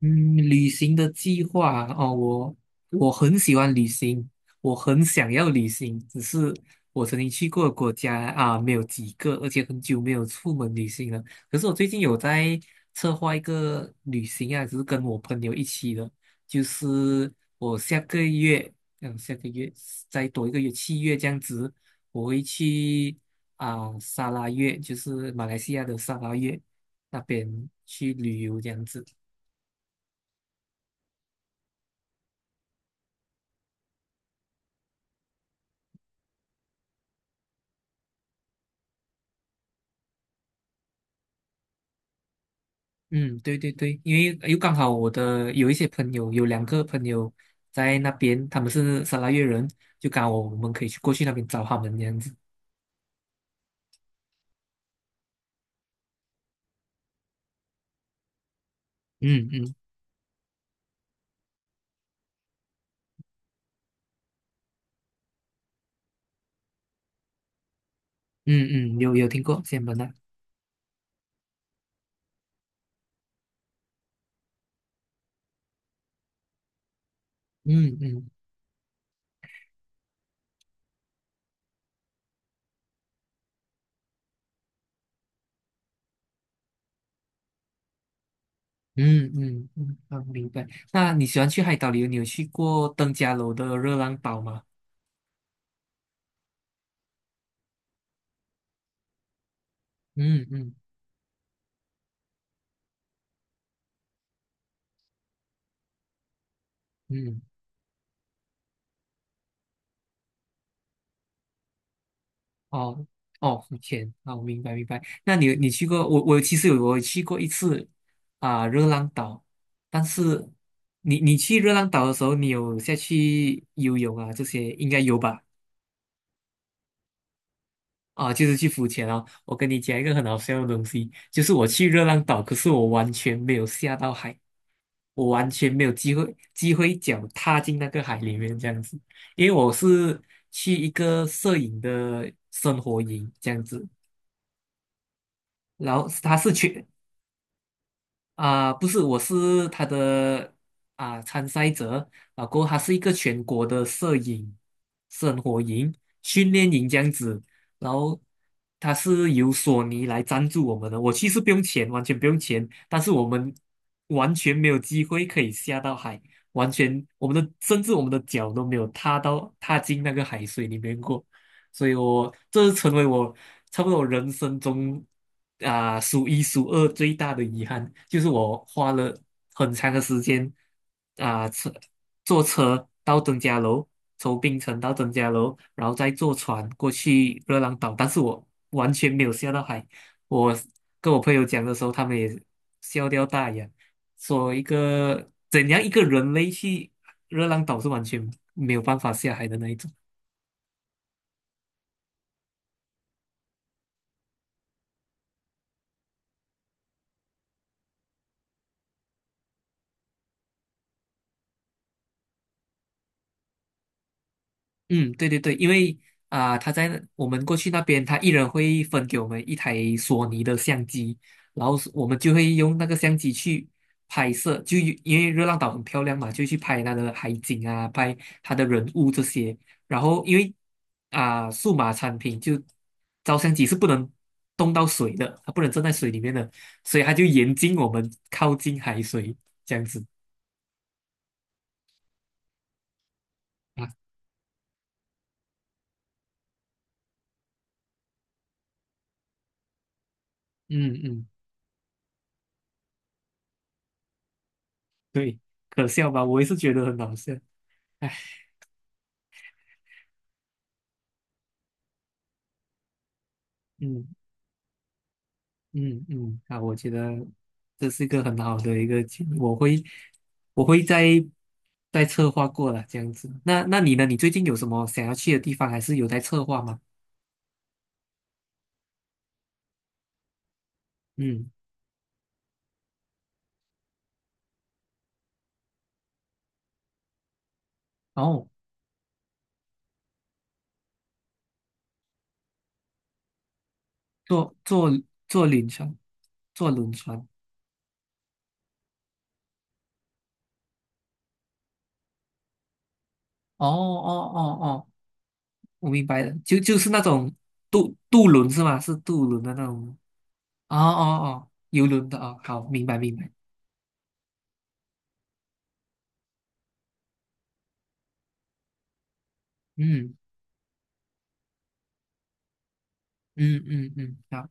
嗯，旅行的计划，我很喜欢旅行，我很想要旅行，只是我曾经去过的国家啊没有几个，而且很久没有出门旅行了。可是我最近有在策划一个旅行啊，只是跟我朋友一起的，就是我下个月，下个月再多一个月，七月这样子，我会去沙拉越，就是马来西亚的沙拉越那边去旅游这样子。嗯，对对对，因为又刚好我的有一些朋友，有两个朋友在那边，他们是沙拉越人，就刚好我们可以去过去那边找他们这样子。嗯嗯嗯嗯，有听过仙门那？嗯嗯嗯嗯嗯，好明白。那你喜欢去海岛旅游？你有去过登嘉楼的热浪岛吗？嗯嗯嗯。哦哦，浮潜啊，我明白明白。那你你去过我其实有去过一次热浪岛，但是你去热浪岛的时候，你有下去游泳啊这些应该有吧？啊，就是去浮潜啊。我跟你讲一个很好笑的东西，就是我去热浪岛，可是我完全没有下到海，我完全没有机会脚踏进那个海里面这样子，因为我是去一个摄影的生活营这样子。然后他是全不是，我是他的参赛者啊，过后他是一个全国的摄影生活营、训练营这样子，然后他是由索尼来赞助我们的，我其实不用钱，完全不用钱，但是我们完全没有机会可以下到海，完全我们的甚至我们的脚都没有踏进那个海水里面过。所以我这是成为我差不多人生中数一数二最大的遗憾，就是我花了很长的时间啊、车坐车到登嘉楼，从槟城到登嘉楼，然后再坐船过去热浪岛，但是我完全没有下到海。我跟我朋友讲的时候，他们也笑掉大牙，说一个人类去热浪岛是完全没有办法下海的那一种。嗯，对对对，因为他在我们过去那边，他一人会分给我们一台索尼的相机，然后是我们就会用那个相机去拍摄，就因为热浪岛很漂亮嘛，就去拍那个海景啊，拍它的人物这些。然后因为数码产品就照相机是不能动到水的，它不能站在水里面的，所以它就严禁我们靠近海水这样子啊。嗯嗯，对，可笑吧？我也是觉得很好笑。嗯。嗯嗯，啊，我觉得这是一个很好的一个建议，我会在策划过了这样子。那你呢？你最近有什么想要去的地方，还是有在策划吗？嗯，哦，坐坐坐轮船，坐轮船。哦哦哦哦，我明白了，就是那种渡轮是吗？是渡轮的那种。哦哦哦，游轮的哦，好，明白明白。嗯嗯嗯嗯，好，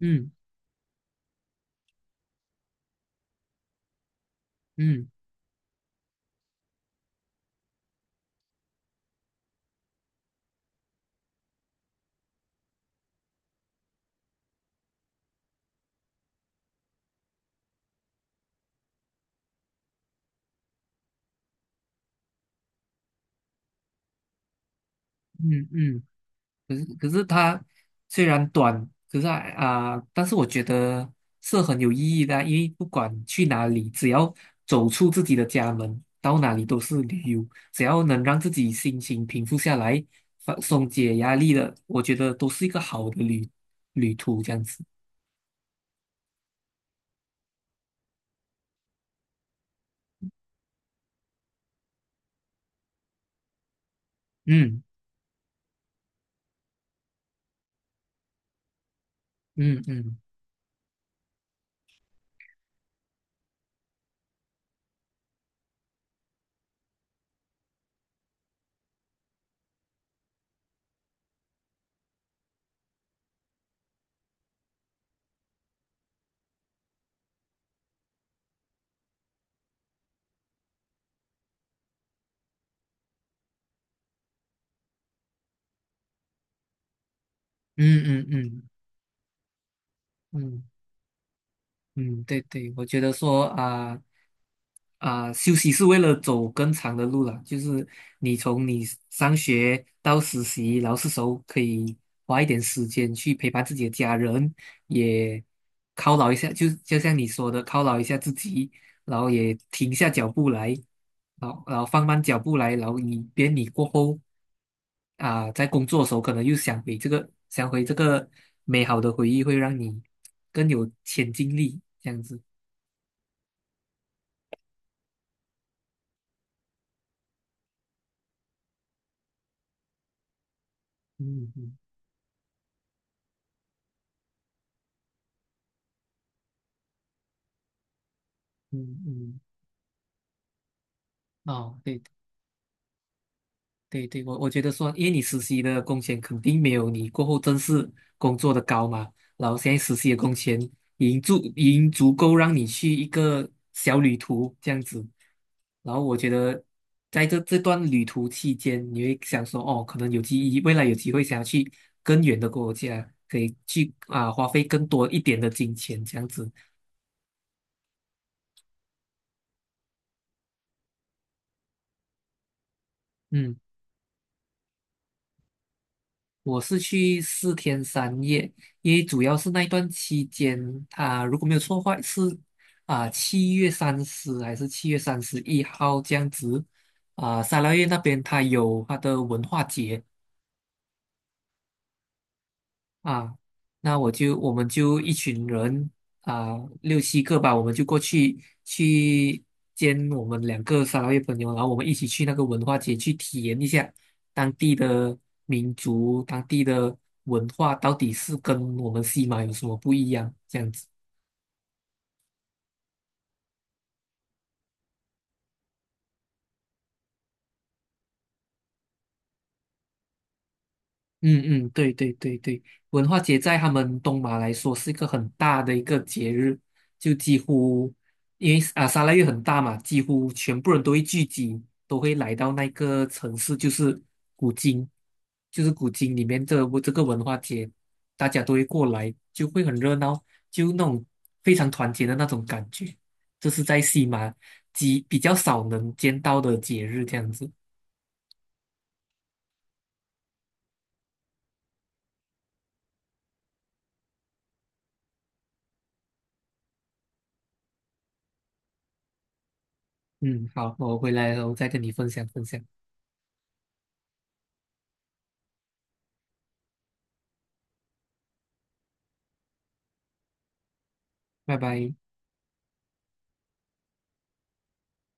嗯嗯嗯嗯。可是它虽然短，可是但是我觉得是很有意义的因为不管去哪里，只要走出自己的家门，到哪里都是旅游，只要能让自己心情平复下来，放松解压力的，我觉得都是一个好的旅途这样子。嗯嗯嗯嗯嗯嗯嗯。嗯嗯，对对，我觉得说啊休息是为了走更长的路了，就是你从你上学到实习，然后是时候可以花一点时间去陪伴自己的家人，也犒劳一下，就像你说的，犒劳一下自己，然后也停下脚步来。好，然后放慢脚步来，然后以便你过后在工作的时候可能又想回这个美好的回忆，会让你更有前进力，这样子。嗯嗯嗯嗯，哦，对。对对，我觉得说，因为你实习的工钱肯定没有你过后正式工作的高嘛，然后现在实习的工钱已经足够让你去一个小旅途这样子，然后我觉得在这段旅途期间，你会想说，哦，可能未来有机会想要去更远的国家，可以去花费更多一点的金钱这样子，嗯。我是去4天3夜，因为主要是那一段期间，如果没有错的话是七月三十还是7月31号这样子，沙拉越那边他有他的文化节，啊，那我们就一群人啊，六七个吧，我们就过去见我们两个沙拉越朋友，然后我们一起去那个文化节去体验一下当地的民族、当地的文化到底是跟我们西马有什么不一样，这样子。嗯嗯，对对对对，文化节在他们东马来说是一个很大的一个节日，就几乎因为沙拉越很大嘛，几乎全部人都会聚集，都会来到那个城市，就是古今，就是古今里面的这个文化节，大家都会过来，就会很热闹，就那种非常团结的那种感觉，这是在西马比较少能见到的节日这样子。嗯，好，我回来了，我再跟你分享分享，拜拜。